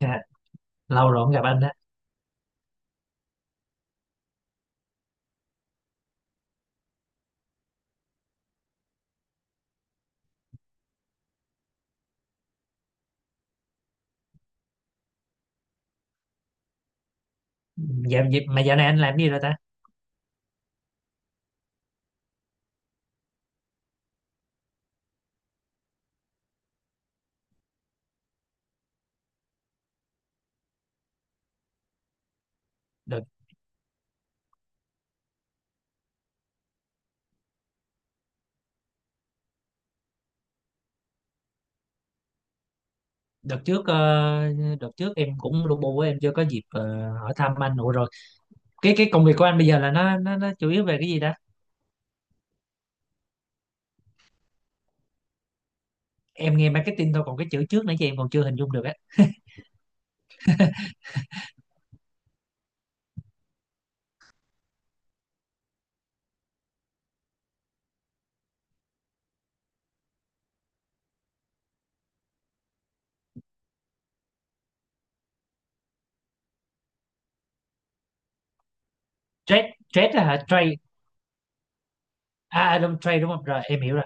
Dạ, lâu rồi không gặp anh đó. Dạo dịp mà dạo này anh làm gì rồi ta? Đợt đợt trước đợt trước em cũng lu bu á, em chưa có dịp hỏi thăm anh nữa rồi. Cái công việc của anh bây giờ là nó chủ yếu về cái gì ta? Em nghe marketing thôi, còn cái chữ trước nãy giờ em còn chưa hình dung được á. Trade trade á hả? Trade à à, đúng trade đúng không? Rồi em hiểu rồi.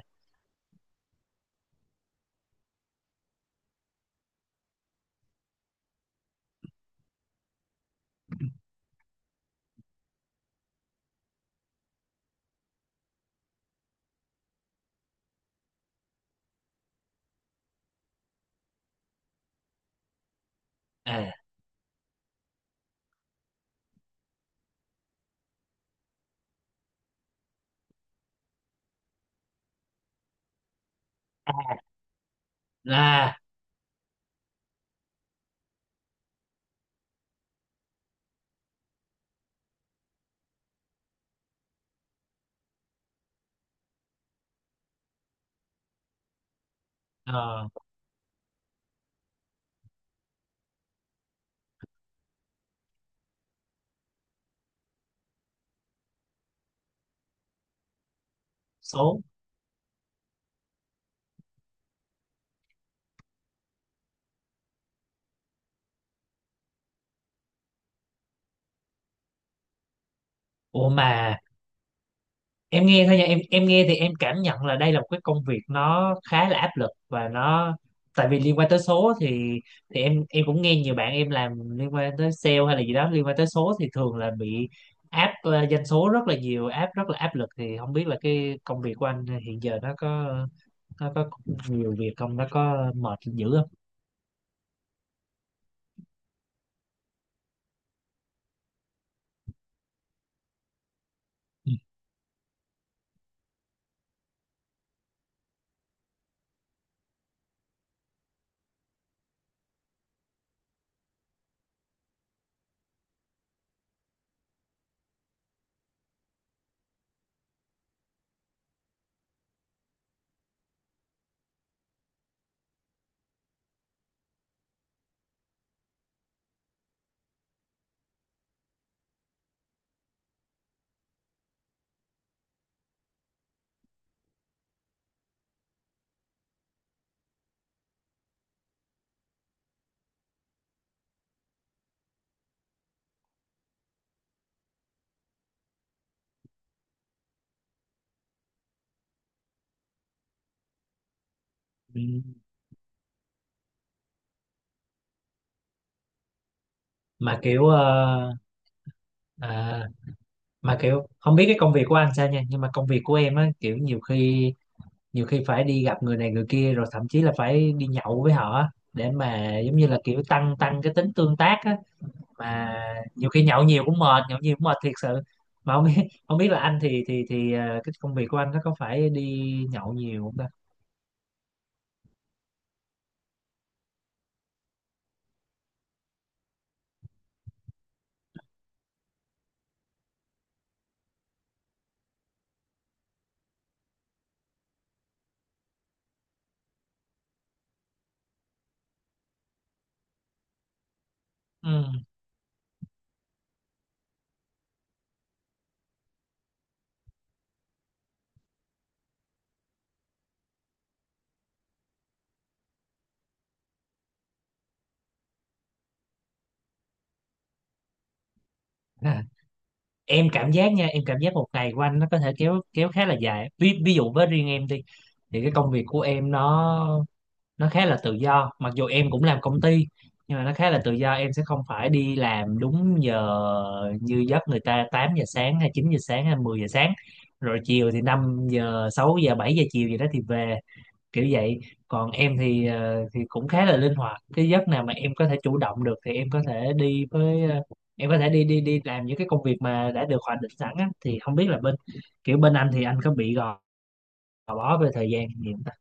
À là ờ, số. Ủa mà em nghe thôi nha, em nghe thì em cảm nhận là đây là một cái công việc nó khá là áp lực, và nó tại vì liên quan tới số thì thì em cũng nghe nhiều bạn em làm liên quan tới sale hay là gì đó liên quan tới số thì thường là bị áp doanh số rất là nhiều, áp rất là áp lực. Thì không biết là cái công việc của anh hiện giờ nó có nhiều việc không, nó có mệt dữ không? Ừ, mà à, kiểu không biết cái công việc của anh sao nha, nhưng mà công việc của em á, kiểu nhiều khi phải đi gặp người này người kia, rồi thậm chí là phải đi nhậu với họ á, để mà giống như là kiểu tăng tăng cái tính tương tác á. Mà nhiều khi nhậu nhiều cũng mệt, nhậu nhiều cũng mệt thiệt sự. Mà không biết là anh thì cái công việc của anh nó có phải đi nhậu nhiều không ta? Ừ, à, em cảm giác nha, em cảm giác một ngày của anh nó có thể kéo kéo khá là dài. Ví ví dụ với riêng em đi, thì cái công việc của em nó khá là tự do, mặc dù em cũng làm công ty, nhưng mà nó khá là tự do. Em sẽ không phải đi làm đúng giờ như giấc người ta 8 giờ sáng, hay 9 giờ sáng, hay 10 giờ sáng, rồi chiều thì 5 giờ, 6 giờ, 7 giờ chiều gì đó thì về, kiểu vậy. Còn em thì thì cũng khá là linh hoạt, cái giấc nào mà em có thể chủ động được thì em có thể đi với em có thể đi đi đi làm những cái công việc mà đã được hoạch định sẵn á. Thì không biết là bên anh thì anh có bị gò bó về thời gian gì không?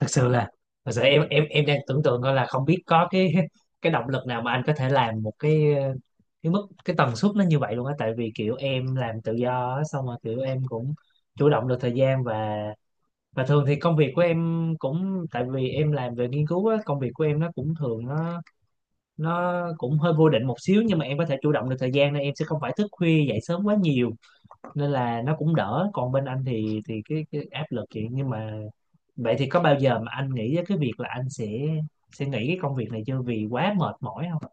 Thật sự là thật sự em đang tưởng tượng coi là không biết có cái cái động lực nào mà anh có thể làm một cái cái mức cái tần suất nó như vậy luôn á. Tại vì kiểu em làm tự do á, xong rồi kiểu em cũng chủ động được thời gian, và thường thì công việc của em cũng tại vì em làm về nghiên cứu á, công việc của em nó cũng hơi vô định một xíu, nhưng mà em có thể chủ động được thời gian nên em sẽ không phải thức khuya dậy sớm quá nhiều, nên là nó cũng đỡ. Còn bên anh thì cái áp lực vậy, nhưng mà vậy thì có bao giờ mà anh nghĩ đến cái việc là anh sẽ nghỉ cái công việc này chưa, vì quá mệt mỏi không?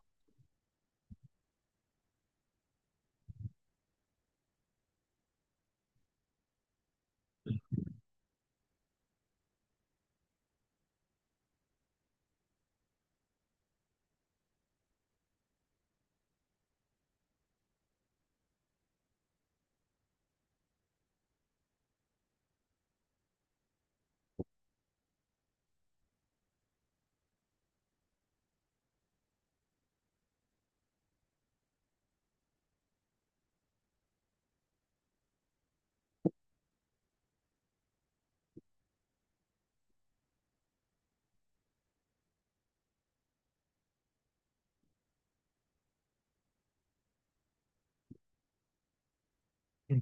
Ừ,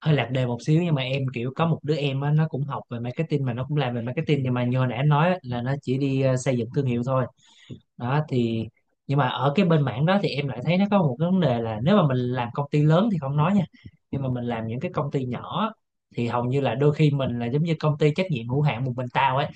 hơi lạc đề một xíu, nhưng mà em kiểu có một đứa em á, nó cũng học về marketing mà nó cũng làm về marketing, nhưng mà như nãy em nói á, là nó chỉ đi xây dựng thương hiệu thôi đó. Thì nhưng mà ở cái bên mảng đó thì em lại thấy nó có một cái vấn đề là nếu mà mình làm công ty lớn thì không nói nha, nhưng mà mình làm những cái công ty nhỏ thì hầu như là đôi khi mình là giống như công ty trách nhiệm hữu hạn một mình tao á,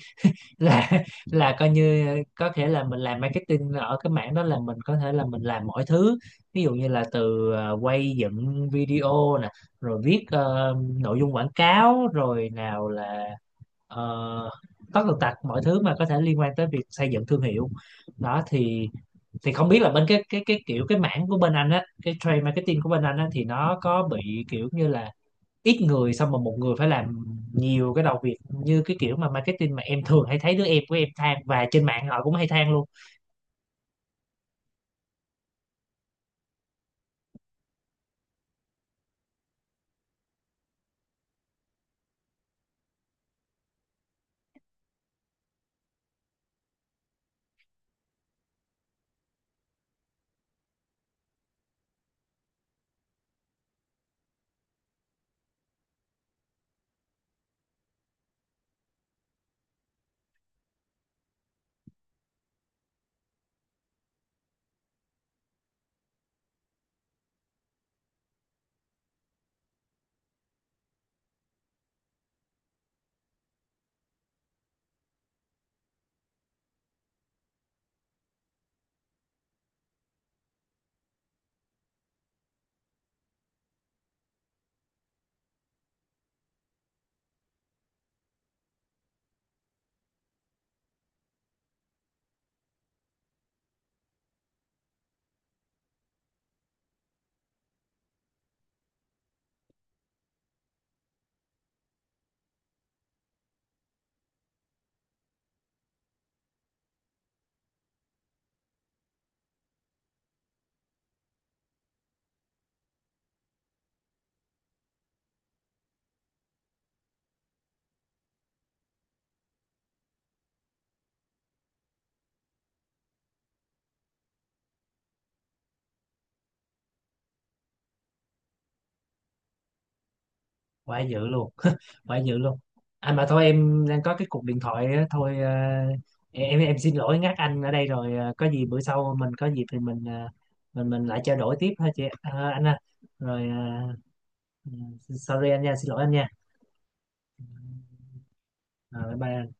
là là coi như có thể là mình làm marketing ở cái mảng đó là mình có thể là mình làm mọi thứ. Ví dụ như là từ quay dựng video nè, rồi viết nội dung quảng cáo, rồi nào là uh, tất tần tật mọi thứ mà có thể liên quan tới việc xây dựng thương hiệu đó. Thì không biết là bên cái mảng của bên anh á, cái trade marketing của bên anh á, thì nó có bị kiểu như là ít người, xong mà một người phải làm nhiều cái đầu việc như cái kiểu mà marketing mà em thường hay thấy đứa em của em than, và trên mạng họ cũng hay than luôn. Quá dữ luôn. Quá dữ luôn. Anh mà thôi em đang có cái cuộc điện thoại á, thôi em xin lỗi ngắt anh ở đây rồi. Ờ, có gì bữa sau mình có dịp thì mình mình lại trao đổi tiếp ha chị, anh ha. Rồi ừ, sorry anh nha, xin lỗi anh nha. Ờ, bye bye.